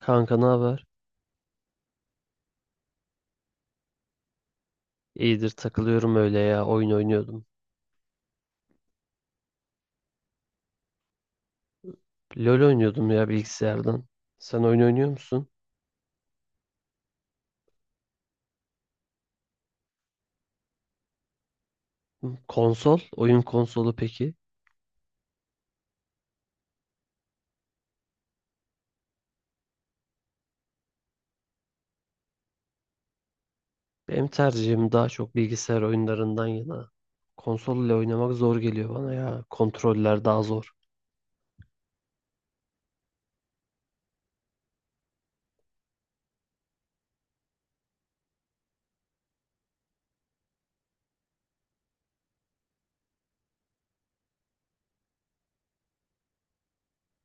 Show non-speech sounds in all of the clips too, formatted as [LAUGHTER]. Kanka ne haber? İyidir takılıyorum öyle ya, oyun oynuyordum. LoL oynuyordum ya, bilgisayardan. Sen oyun oynuyor musun? Konsol, oyun konsolu peki? Benim tercihim daha çok bilgisayar oyunlarından yana. Konsol ile oynamak zor geliyor bana ya. Kontroller daha zor.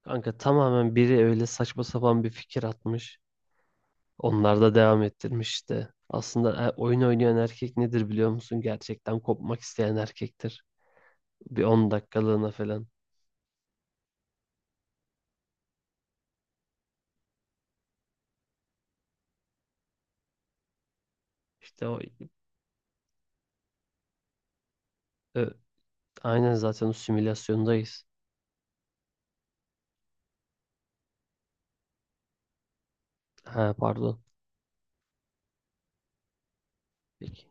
Kanka tamamen biri öyle saçma sapan bir fikir atmış. Onlar da devam ettirmiş işte. Aslında oyun oynayan erkek nedir biliyor musun? Gerçekten kopmak isteyen erkektir. Bir 10 dakikalığına falan. İşte o ö- aynen, zaten o simülasyondayız. Ha pardon. Peki.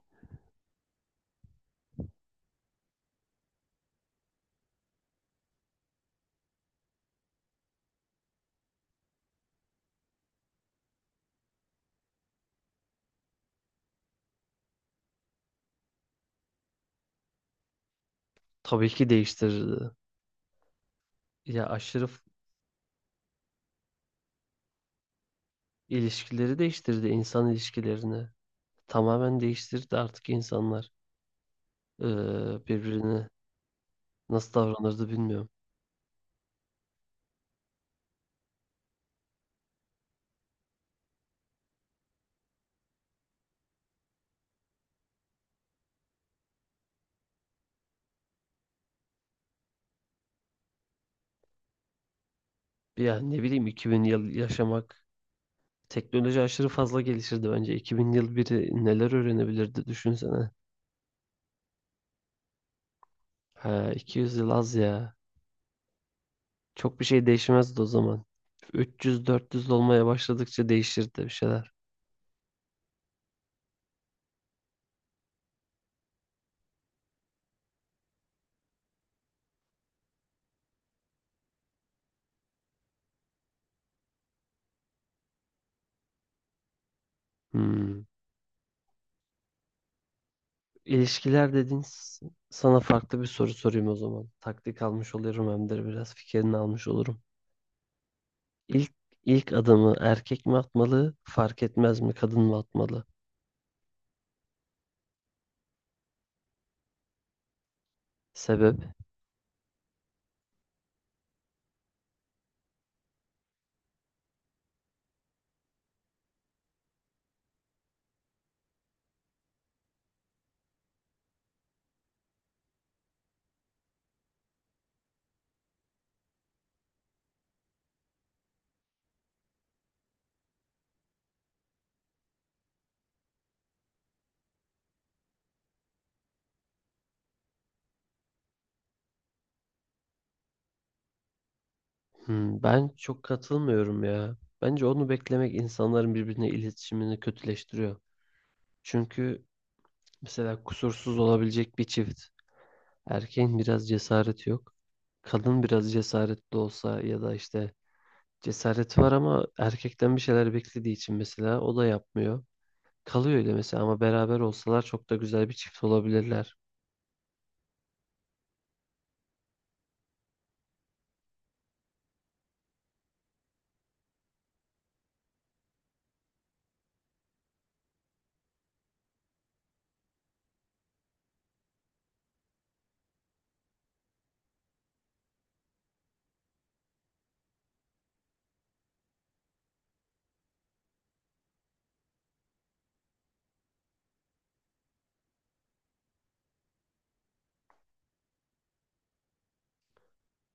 Tabii ki değiştirirdi. Ya aşırı f- ilişkileri değiştirdi, insan ilişkilerini. Tamamen değiştirdi artık insanlar. Ee, birbirine nasıl davranırdı bilmiyorum. Ya ne bileyim, 2000 yıl yaşamak. Teknoloji aşırı fazla gelişirdi bence. 2000 yıl biri neler öğrenebilirdi düşünsene. Ha, 200 yıl az ya. Çok bir şey değişmezdi o zaman. 300-400 olmaya başladıkça değişirdi bir şeyler. Hmm. İlişkiler dedin. Sana farklı bir soru sorayım o zaman. Taktik almış oluyorum, hem de biraz fikrini almış olurum. İlk ilk adımı erkek mi atmalı, fark etmez mi, kadın mı atmalı? Sebep? Hmm, ben çok katılmıyorum ya. Bence onu beklemek insanların birbirine iletişimini kötüleştiriyor. Çünkü mesela kusursuz olabilecek bir çift. Erkeğin biraz cesareti yok. Kadın biraz cesaretli olsa ya da işte cesareti var ama erkekten bir şeyler beklediği için mesela o da yapmıyor. Kalıyor öyle mesela, ama beraber olsalar çok da güzel bir çift olabilirler.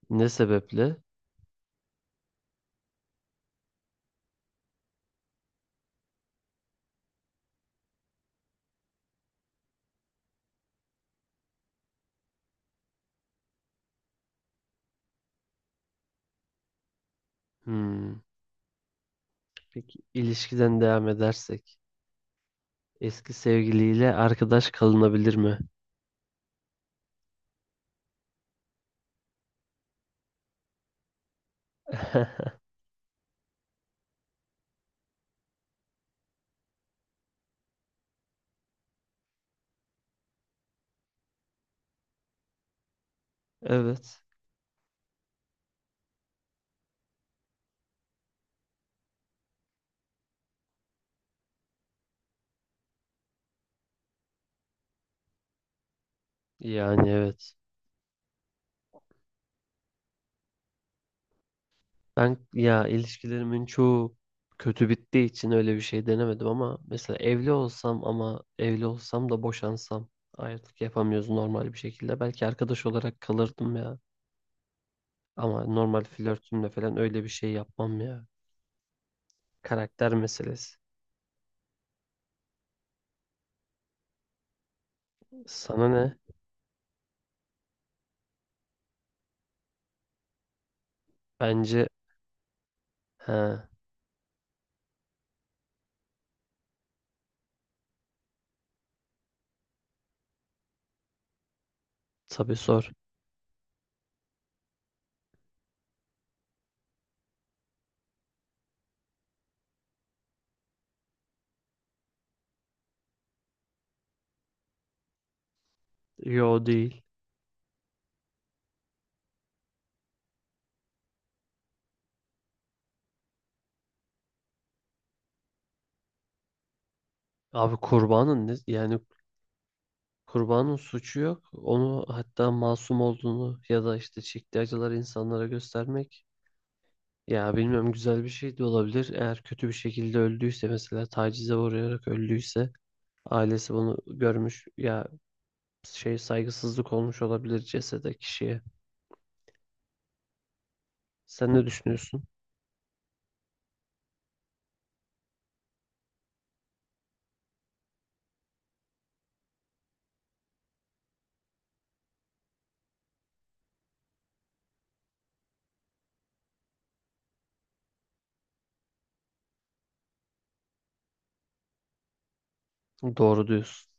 Ne sebeple? Hmm. Peki ilişkiden devam edersek, eski sevgiliyle arkadaş kalınabilir mi? [LAUGHS] Evet. Yani evet. Ben ya, ilişkilerimin çoğu kötü bittiği için öyle bir şey denemedim, ama mesela evli olsam, ama evli olsam da boşansam, ayrılık yapamıyoruz normal bir şekilde. Belki arkadaş olarak kalırdım ya. Ama normal flörtümle falan öyle bir şey yapmam ya. Karakter meselesi. Sana ne? Bence, he, tabii sor. Yo, değil. Abi kurbanın ne? Yani kurbanın suçu yok. Onu hatta masum olduğunu ya da işte çektiği acıları insanlara göstermek. Ya bilmiyorum, güzel bir şey de olabilir. Eğer kötü bir şekilde öldüyse, mesela tacize uğrayarak öldüyse, ailesi bunu görmüş ya, şey, saygısızlık olmuş olabilir cesede, kişiye. Sen ne düşünüyorsun? Doğru diyorsun.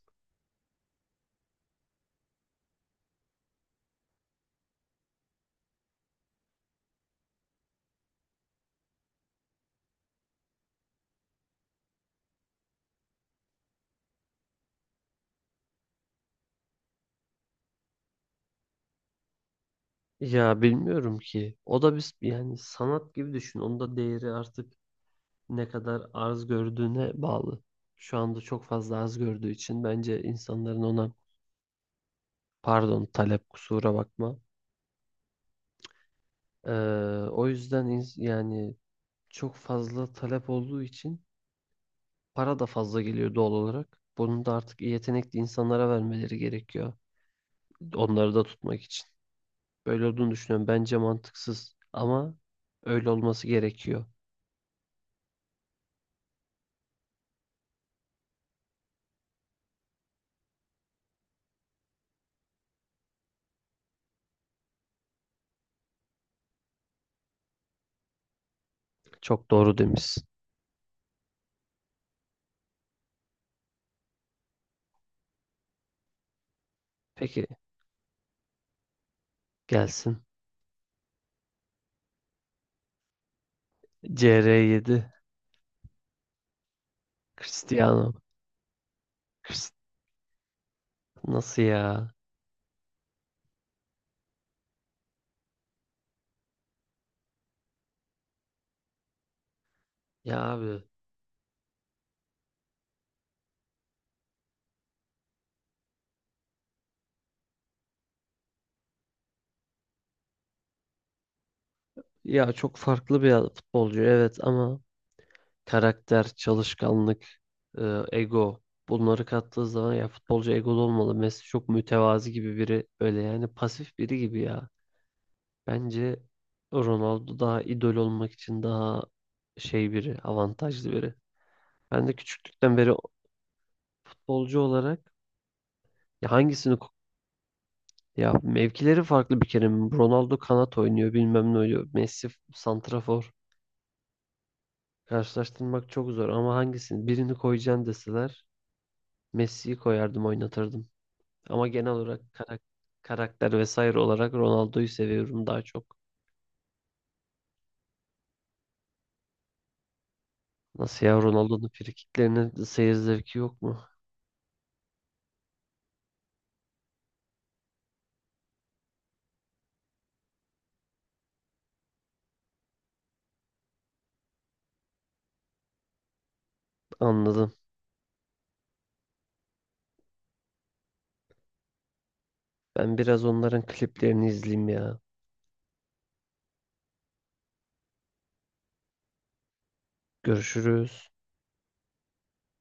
Ya bilmiyorum ki. O da biz, yani sanat gibi düşün. Onun da değeri artık ne kadar arz gördüğüne bağlı. Şu anda çok fazla arz gördüğü için, bence insanların ona, pardon, talep, kusura bakma. Ee, o yüzden yani çok fazla talep olduğu için para da fazla geliyor doğal olarak. Bunu da artık yetenekli insanlara vermeleri gerekiyor. Onları da tutmak için. Böyle olduğunu düşünüyorum. Bence mantıksız ama öyle olması gerekiyor. Çok doğru demişsin. Peki gelsin. CR7, Cristiano. Crist- Nasıl ya? Ya abi. Ya çok farklı bir futbolcu evet, ama karakter, çalışkanlık, e, ego, bunları kattığı zaman ya futbolcu egolu olmalı. Messi çok mütevazi gibi biri, öyle yani pasif biri gibi ya. Bence Ronaldo daha idol olmak için daha şey biri, avantajlı biri. Ben de küçüklükten beri futbolcu olarak ya hangisini ya mevkileri farklı bir kere. Ronaldo kanat oynuyor, bilmem ne oynuyor. Messi santrafor. Karşılaştırmak çok zor, ama hangisini, birini koyacaksın deseler, Messi'yi koyardım, oynatırdım. Ama genel olarak karakter vesaire olarak Ronaldo'yu seviyorum daha çok. Nasıl ya, Ronaldo'nun frikiklerinin seyir zevki yok mu? Anladım. Ben biraz onların kliplerini izleyeyim ya. Görüşürüz.